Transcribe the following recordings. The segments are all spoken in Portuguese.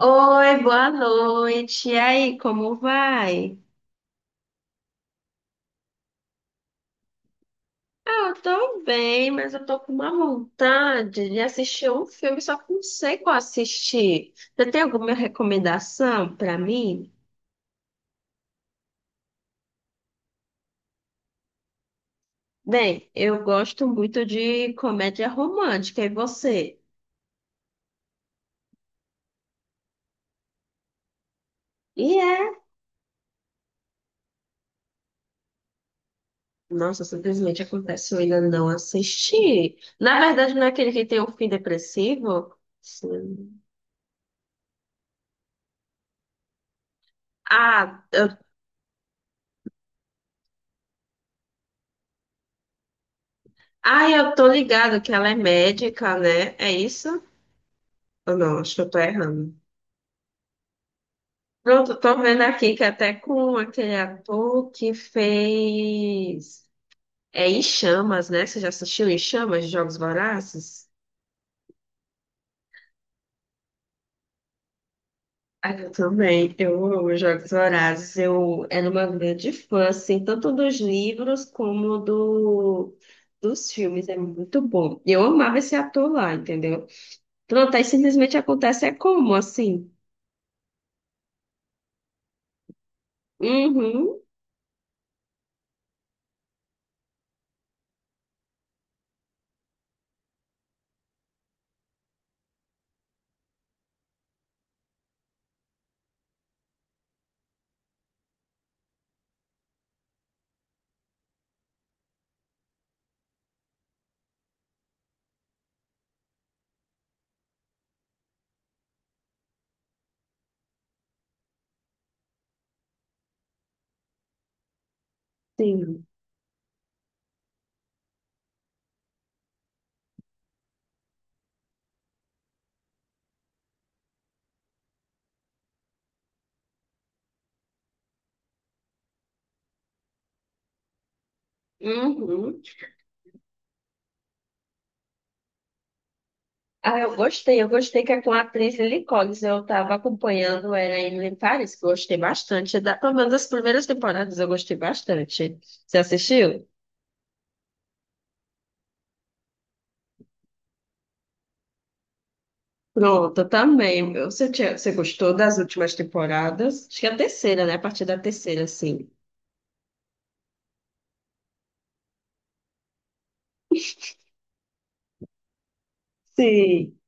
Oi, boa noite. E aí, como vai? Ah, eu tô bem, mas eu tô com uma vontade de assistir um filme, só que não sei qual assistir. Você tem alguma recomendação pra mim? Bem, eu gosto muito de comédia romântica, e você? E é? Nossa, simplesmente acontece, eu ainda não assisti. Na verdade, não é aquele que tem um fim depressivo? Sim. Ah, eu tô ligado que ela é médica, né? É isso? Ah, não, acho que eu tô errando. Pronto, tô vendo aqui que até com aquele ator que fez. É Em Chamas, né? Você já assistiu Em Chamas, Jogos Vorazes? Ah, eu também. Eu amo Jogos Vorazes. Eu era uma grande fã, assim, tanto dos livros como dos filmes. É muito bom. E eu amava esse ator lá, entendeu? Pronto, aí simplesmente acontece é como, assim? Uhum, sim. Uhum. Ah, eu gostei que é com a atriz Lily Collins. Eu estava acompanhando ela em Paris, que eu gostei bastante. É da, pelo menos das primeiras temporadas eu gostei bastante. Você assistiu? Pronto, eu também. Você, você gostou das últimas temporadas? Acho que é a terceira, né? A partir da terceira, sim. Sim.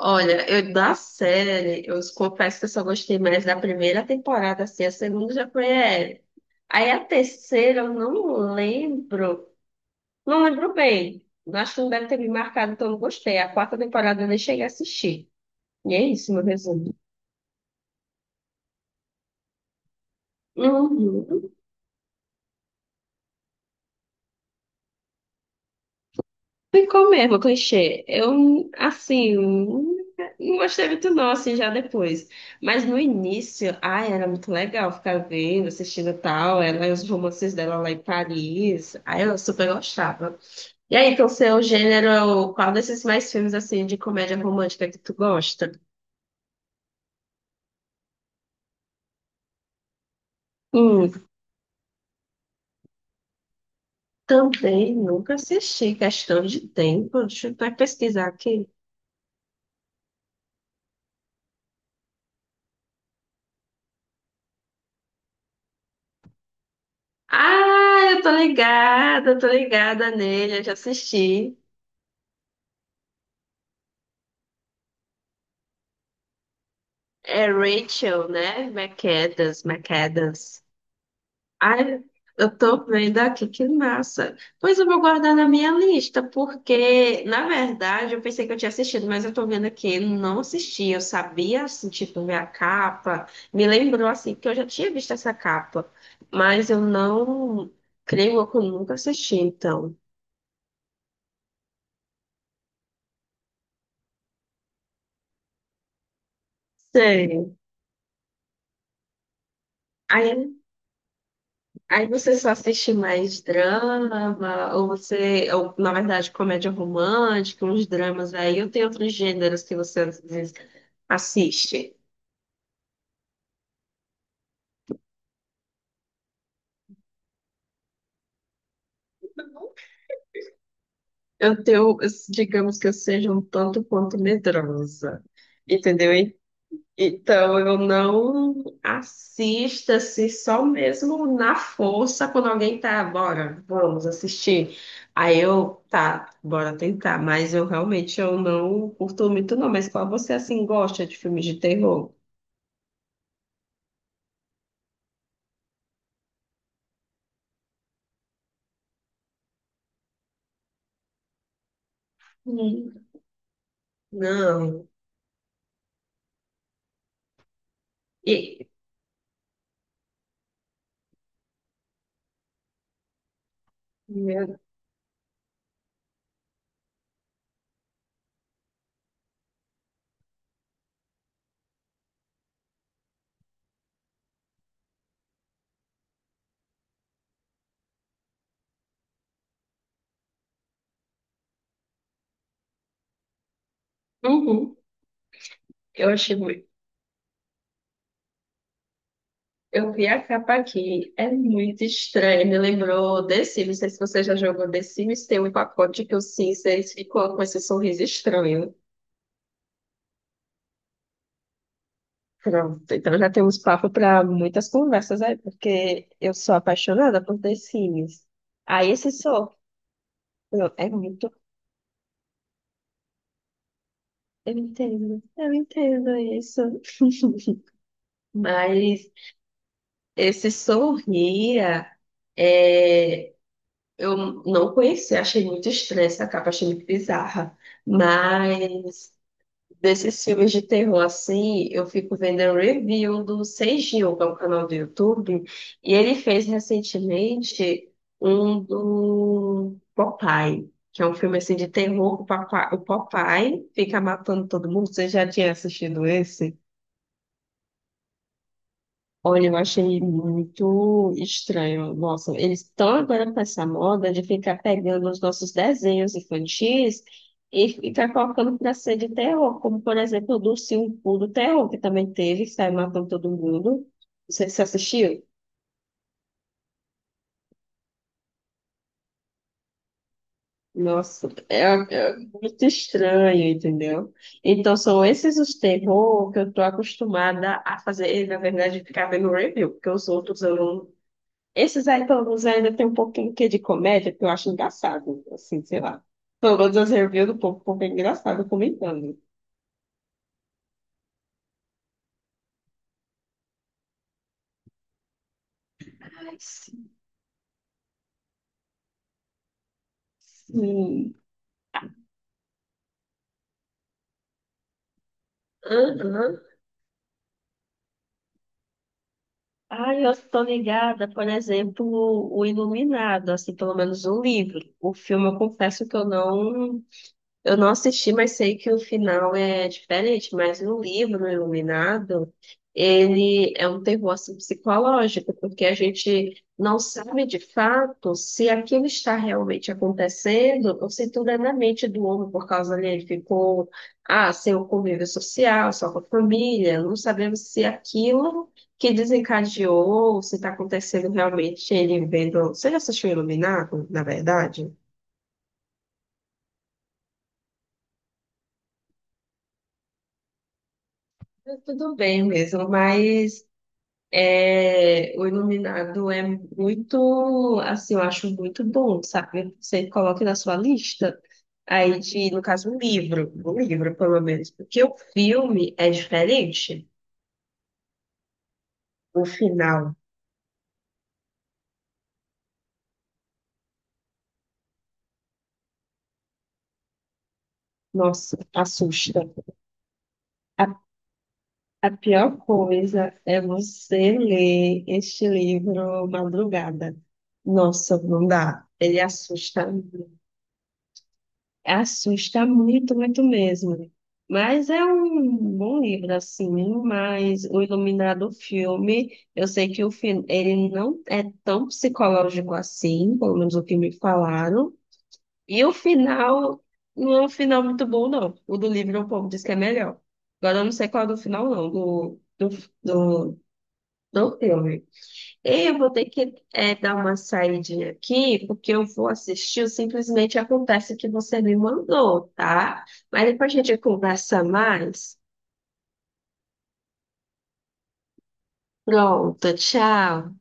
Olha, eu da série, eu confesso que eu só gostei mais da primeira temporada, assim, a segunda já foi. É. Aí a terceira eu não lembro. Não lembro bem. Acho que não deve ter me marcado, então não gostei. A quarta temporada eu nem cheguei a assistir. E é isso, meu resumo. Uhum. Ficou mesmo, clichê. Eu, assim, não gostei muito não, assim, já depois. Mas no início, ai, era muito legal ficar vendo, assistindo e tal. Ela e os romances dela lá em Paris. Aí eu super gostava. E aí, então, seu gênero, qual desses mais filmes, assim, de comédia romântica que tu gosta? Também nunca assisti Questão de Tempo. Deixa eu até pesquisar aqui. Ah, eu tô ligada nele, eu já assisti. É Rachel, né? McAdams, McAdams. Ai, eu tô vendo aqui, que massa. Pois eu vou guardar na minha lista, porque, na verdade, eu pensei que eu tinha assistido, mas eu tô vendo aqui, não assisti. Eu sabia, assim, tipo, ver a capa. Me lembrou, assim, que eu já tinha visto essa capa, mas eu não creio que eu nunca assisti, então. Sério. Aí você só assiste mais drama, ou você, ou, na verdade, comédia romântica, uns dramas aí, ou tem outros gêneros que você às vezes assiste. Eu tenho, digamos que eu seja um tanto quanto medrosa, entendeu? Então, eu não assisto assim, só mesmo na força, quando alguém tá, bora, vamos assistir. Aí eu, tá, bora tentar, mas eu realmente eu não curto muito não, mas qual você assim gosta de filmes de terror? Hum. Não. E, meu, uhum. Eu achei muito. Eu vi a capa aqui, é muito estranho, me lembrou The Sims, não sei se você já jogou The Sims, tem um pacote que o Sims, eles ficam com esse sorriso estranho. Pronto, então já temos papo para muitas conversas aí, porque eu sou apaixonada por The Sims. Aí esse sou. É muito. Eu entendo isso. Mas esse Sorria, é, eu não conheci achei muito estranha essa capa, achei muito bizarra. Mas desses filmes de terror assim, eu fico vendo um review do Seijinho, que é um canal do YouTube, e ele fez recentemente um do Popeye, que é um filme assim de terror, que o Popeye fica matando todo mundo. Você já tinha assistido esse? Olha, eu achei muito estranho. Nossa, eles estão agora com essa moda de ficar pegando os nossos desenhos infantis e ficar colocando para ser de terror, como por exemplo o do Ursinho Poo do Terror, que também teve, que saiu matando todo mundo. Você assistiu? Nossa, é muito estranho, entendeu? Então são esses os terror que eu tô acostumada a fazer, e, na verdade, ficar vendo review, porque os outros eu não. Esses aí, pelo menos, ainda tem um pouquinho que de comédia, que eu acho engraçado, assim, sei lá. Pelo menos as reviews do povo, o bem engraçado comentando. Ai, sim. Sim. Aham. Ai, eu tô ligada, por exemplo, o Iluminado, assim, pelo menos o livro. O filme, eu confesso que eu não. Eu não assisti, mas sei que o final é diferente. Mas no livro Iluminado, ele é um terror assim, psicológico, porque a gente não sabe de fato se aquilo está realmente acontecendo ou se tudo é na mente do homem, por causa dele ele ficou sem o convívio social, só com a família. Não sabemos se aquilo que desencadeou, se está acontecendo realmente ele vendo. Você já assistiu Iluminado, na verdade? Tudo bem mesmo, mas é, o Iluminado é muito, assim, eu acho muito bom, sabe? Você coloca na sua lista, aí de, no caso, um livro, pelo menos, porque o filme é diferente. O final, nossa, assusta. A, a pior coisa é você ler este livro madrugada. Nossa, não dá. Ele assusta. Assusta muito, muito mesmo. Mas é um bom livro, assim, mas o Iluminado filme, eu sei que o filme, ele não é tão psicológico assim, pelo menos o que me falaram. E o final não é um final muito bom, não. O do livro o povo diz que é melhor. Agora eu não sei qual é do final, não, do, do filme. Eu vou ter que dar uma saidinha aqui, porque eu vou assistir o Simplesmente Acontece que você me mandou, tá? Mas depois a gente conversa mais. Pronto, tchau.